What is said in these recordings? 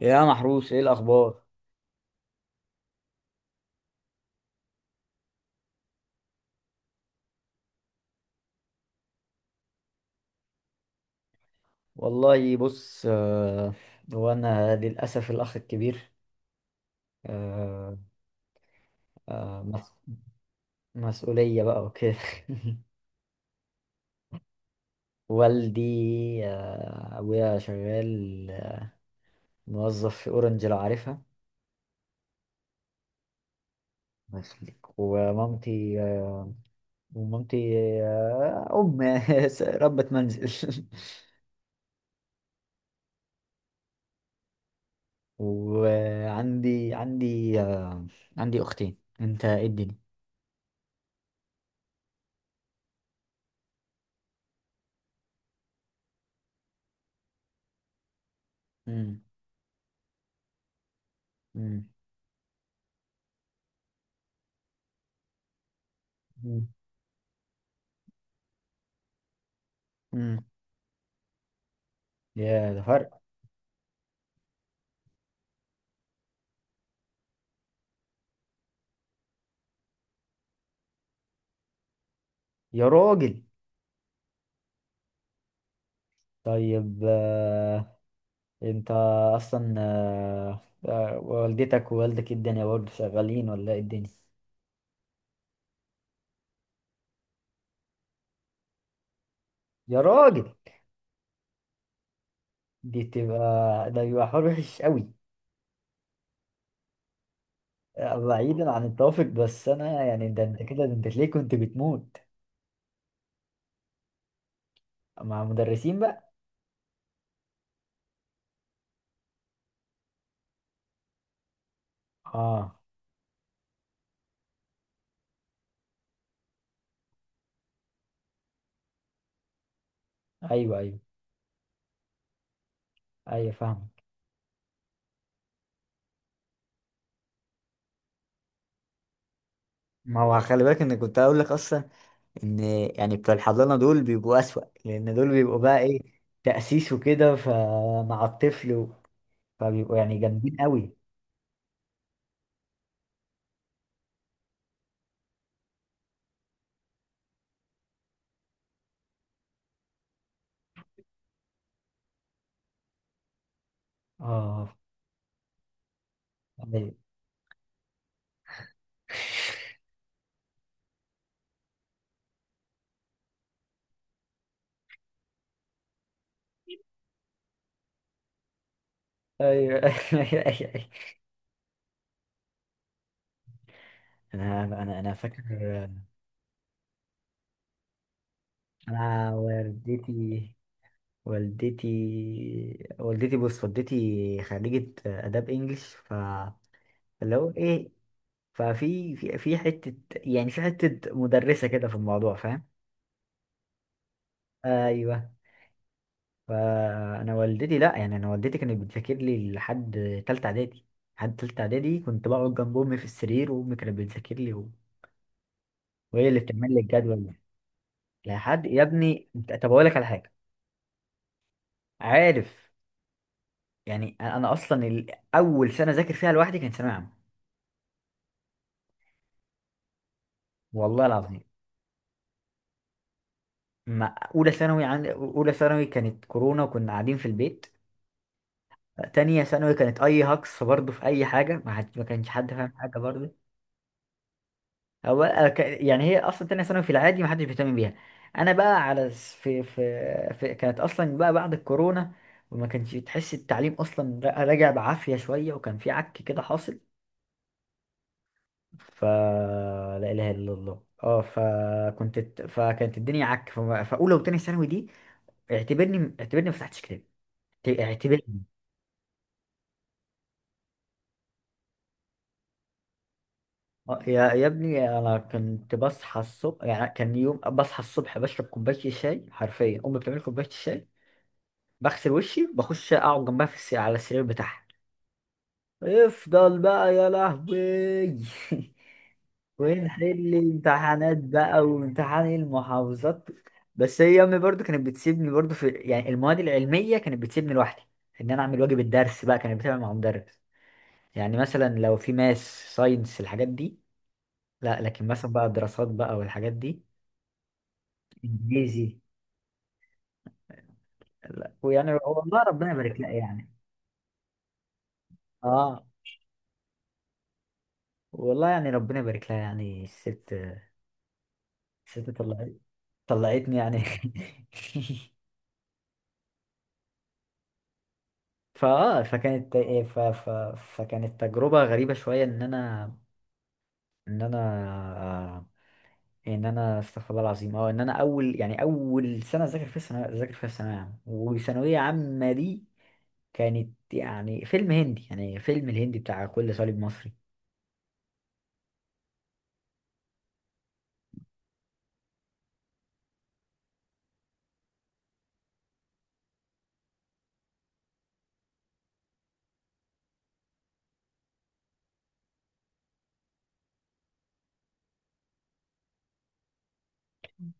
يا محروس، ايه الاخبار؟ والله بص، هو انا للاسف الاخ الكبير. آه، آه، مس- مسؤوليه بقى وكده. والدي، ابويا شغال، موظف في اورنج لو عارفها. الله يخليك. ومامتي، ومامتي ام ربة منزل وعندي عندي آه، عندي اختين. انت ايه الدنيا؟ مم. مم. مم. مم. يا ده فرق. يا راجل. طيب، انت اصلا، والدتك ووالدك إيه الدنيا برضه، شغالين ولا ايه الدنيا؟ يا راجل. دي تبقى، ده بيبقى حوار وحش قوي. بعيدا عن التوافق، بس انا يعني ده انت كده، ده انت ليه كنت بتموت مع مدرسين بقى؟ اه. ايوه، ايوه، ايوه فاهم. ما هو خلي بالك ان كنت هقول لك اصلا، ان يعني بتوع الحضانه دول بيبقوا اسوأ، لان دول بيبقوا بقى ايه، تأسيس وكده، فمع الطفل فبيبقوا يعني جامدين قوي. اه. ايوه، ايوه. ايوه. أيوة. أيوة. انا فاكر. انا والدتي والدتي والدتي بص، والدتي خريجة آداب إنجلش، فاللي هو إيه، ففي في في حتة، يعني في حتة مدرسة كده في الموضوع، فاهم؟ أيوه. فأنا والدتي لأ، يعني أنا والدتي كانت بتذاكر لي لحد تالتة إعدادي. لحد تالتة إعدادي كنت بقعد جنب أمي في السرير، وأمي كانت بتذاكر لي، وهي اللي بتعمل لي الجدول ده. لحد يا ابني انت- طب اقول لك على حاجه. عارف، يعني انا اصلا اول سنه ذاكر فيها لوحدي كانت ثانويه عامه. والله العظيم. ما اولى ثانوي، عن اولى ثانوي كانت كورونا وكنا قاعدين في البيت. تانية ثانوي كانت اي هكس برضه في اي حاجه، ما كانش حد فاهم حاجه برضه. هو أه، يعني هي اصلا تانية ثانوي في العادي ما حدش بيهتم بيها. انا بقى، على س- في في, في... كانت اصلا بقى بعد الكورونا، وما كانش تحس التعليم اصلا راجع بعافيه شويه، وكان في عك كده حاصل. فلا اله الا الله. اه، فكانت الدنيا عك. فاولى وتانية ثانوي دي، اعتبرني ما فتحتش كتاب. اعتبرني. يا ابني، انا كنت بصحى الصبح، يعني كان يوم بصحى الصبح بشرب كوبايه الشاي، حرفيا امي بتعمل كوبايه الشاي، بغسل وشي بخش اقعد جنبها على السرير بتاعها. افضل بقى يا لهوي. ونحل امتحانات بقى، وامتحان المحافظات. بس هي امي برضو كانت بتسيبني، برضو في يعني المواد العلميه كانت بتسيبني لوحدي، ان انا اعمل واجب الدرس بقى كانت بتعمل مع مدرس. يعني مثلا لو في ماس، ساينس، الحاجات دي لا، لكن مثلا بقى الدراسات بقى والحاجات دي، انجليزي لا، ويعني والله ربنا يبارك لها يعني. اه، والله يعني ربنا يبارك لها يعني الست. الست طلعت طلعتني يعني. فاه فكانت ف... ف... فكانت تجربة غريبة شوية ان انا، ان انا آه، ان انا استغفر الله العظيم. اه، ان انا اول، يعني اول سنة اذاكر فيها اذاكر فيها الثانوية عامة. وثانوية عامة دي كانت يعني فيلم هندي، يعني فيلم الهندي بتاع كل صليب مصري.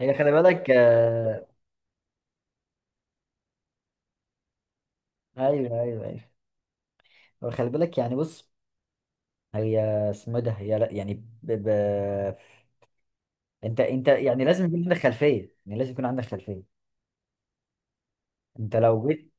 هي خلي بالك، ايوه، ايوه، ايوه. وخلي بالك يعني بص، هي اسمه إيه ده، هي لا يعني، ب... ب... انت انت يعني لازم يكون عندك خلفية، يعني لازم يكون عندك خلفية. انت لو جيت.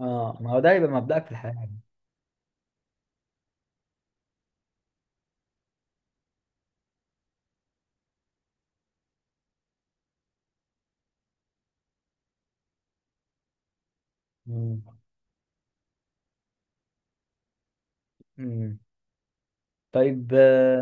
اه، ما هو ده يبقى مبدأك في الحياة. مم. مم. طيب،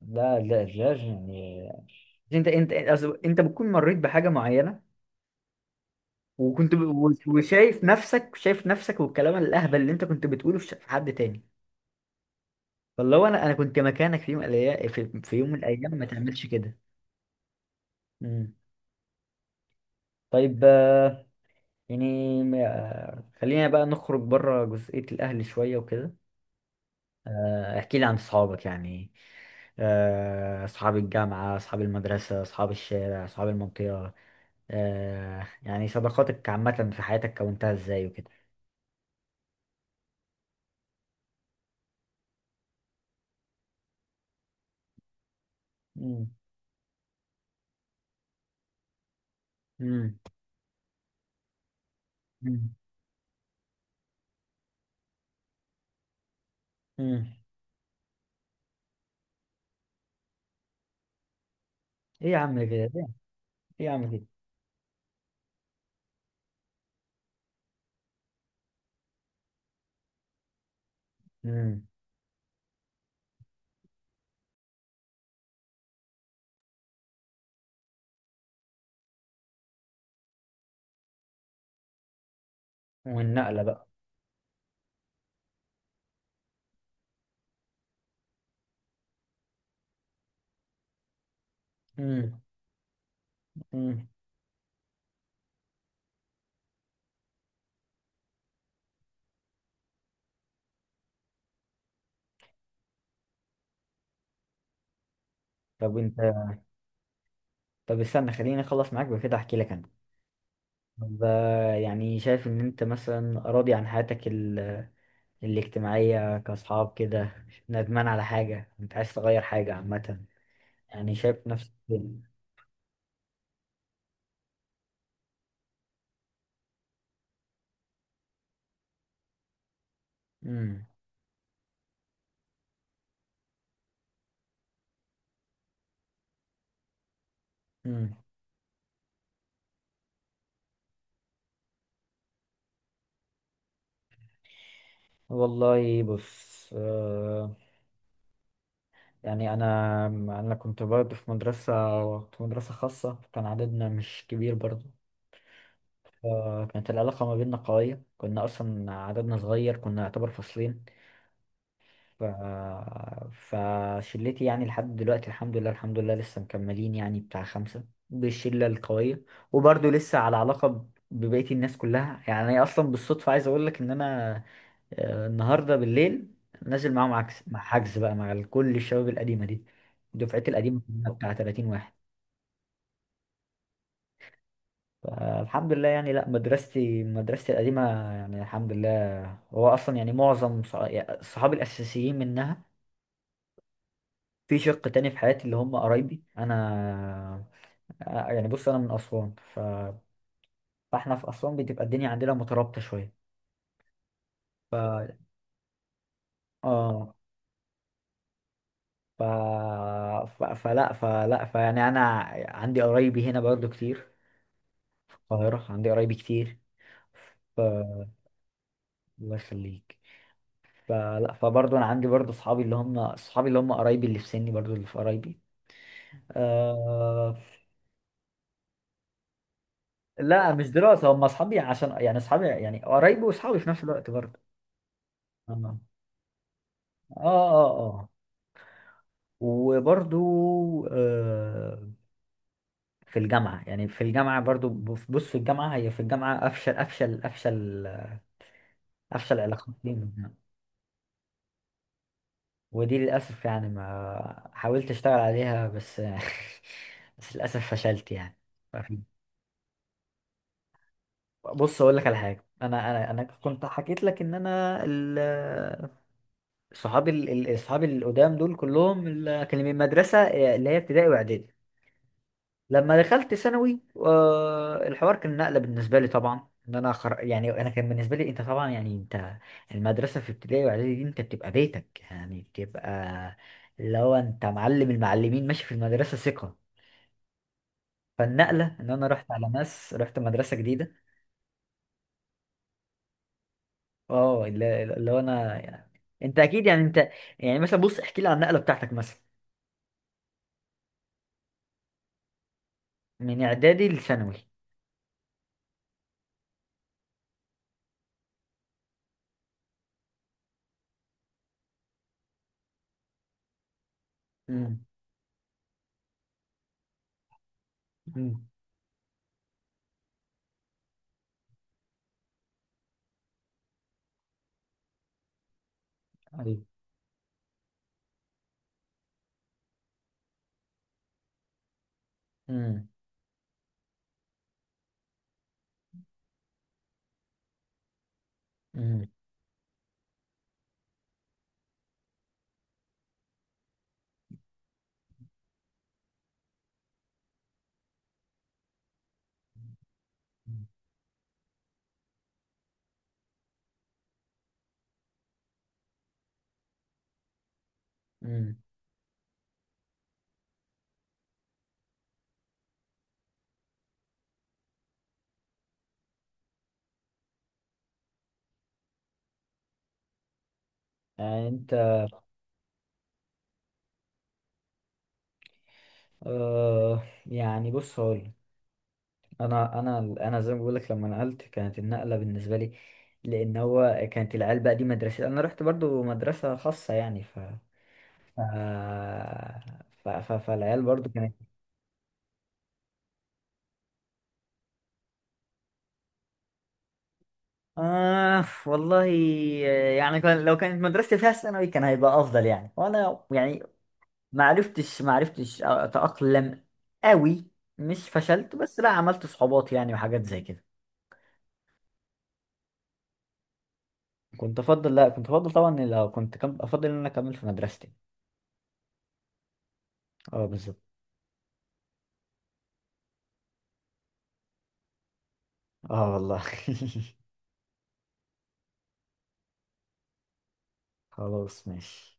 لا لا لا يعني. انت أصل انت بتكون مريت بحاجة معينة، وشايف نفسك، شايف نفسك والكلام الأهبل اللي انت كنت بتقوله، في حد تاني. فاللي هو انا كنت مكانك، في يوم من الايام، ما تعملش كده. مم. طيب، يعني، خلينا بقى نخرج بره جزئية الاهل شوية وكده. احكي لي عن صحابك يعني، أصحاب الجامعة، أصحاب المدرسة، أصحاب الشارع، أصحاب المنطقة، يعني صداقاتك عامة في حياتك كونتها إزاي وكده. مم. مم. مم. مم. إيه يا عم كده، إيه؟ إيه يا عم كده. مم. والنقلة بقى. مم. مم. طب أنت. طب استنى، خليني أخلص معاك بكده أحكي لك أنا. طب، يعني شايف إن أنت مثلا راضي عن حياتك الاجتماعية، كأصحاب كده، ندمان على حاجة، أنت عايز تغير حاجة عامة، يعني شايف نفسك فين؟ امم. امم. والله بص، يعني أنا أنا كنت برضه في مدرسة، في مدرسة خاصة كان عددنا مش كبير برضه. فكانت العلاقة ما بيننا قوية، كنا أصلا عددنا صغير، كنا يعتبر فصلين. ف... فشلتي يعني لحد دلوقتي الحمد لله. الحمد لله لسه مكملين يعني بتاع خمسة، بالشلة القوية. وبرضه لسه على علاقة ببقية الناس كلها. يعني أنا أصلا بالصدفة عايز أقول لك إن أنا، النهاردة بالليل نازل معاهم، عكس مع حجز بقى، كل الشباب القديمة دي. دفعتي القديمة كلها بتاع 30 واحد. فالحمد لله يعني. لا، مدرستي، مدرستي القديمة، يعني الحمد لله. هو أصلا يعني معظم، يعني صحابي الأساسيين منها. في شق تاني في حياتي، اللي هم قرايبي انا. يعني بص انا من اسوان، فاحنا في اسوان بتبقى الدنيا عندنا مترابطه شويه. ف اه ف... ف... فلا فلا فيعني انا عندي قرايبي هنا برضو كتير، في القاهره عندي قرايبي كتير. ف. الله يخليك. فلا فبرضو انا عندي برضو اصحابي، اللي هم اصحابي اللي هم قرايبي اللي في سني، برضو اللي في قرايبي. آه... لا مش دراسه، هم اصحابي عشان يعني اصحابي يعني قرايبي واصحابي في نفس الوقت برضو. آه. اه. وبرضو، آه في الجامعة يعني في الجامعة برضو بص بص في الجامعة، هي في الجامعة أفشل، أفشل علاقات لي منها. ودي للأسف يعني، ما حاولت أشتغل عليها، بس بس للأسف فشلت يعني. بص أقول لك على حاجة، أنا كنت حكيت لك إن أنا، صحابي صحابي القدام دول كلهم، اللي كانوا من المدرسة، اللي هي ابتدائي وإعدادي. لما دخلت ثانوي، الحوار كان نقلة بالنسبة لي طبعا. ان انا يعني انا كان بالنسبة لي انت طبعا، يعني انت، المدرسة في ابتدائي واعدادي دي انت بتبقى بيتك، يعني بتبقى اللي هو انت معلم المعلمين ماشي في المدرسة ثقة. فالنقلة ان انا رحت على ناس، رحت مدرسة جديدة. اه، اللي اللي هو انا يعني، انت اكيد يعني انت. يعني مثلا بص، احكي لي عن النقلة بتاعتك مثلا من اعدادي لثانوي. امم. امم. ايوه. امم. امم. امم. يعني انت. أه، يعني بص هقول، انا زي ما بقول لك، لما نقلت كانت النقله بالنسبه لي، لان هو كانت العيال بقى دي مدرسه، انا رحت برضو مدرسه خاصه يعني. ف, فالعيال برضو كانت. آه، والله، يعني كان لو كانت مدرستي فيها ثانوي كان هيبقى افضل يعني. وانا يعني ما عرفتش اتاقلم قوي. مش فشلت، بس لا عملت صحوبات يعني وحاجات زي كده. كنت افضل لا، كنت افضل طبعا، إن لو كنت افضل ان انا اكمل في مدرستي. اه، بالظبط. اه، والله. خلاص، ماشي.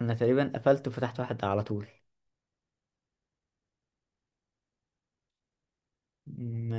انا تقريبا قفلت وفتحت واحد على طول. م-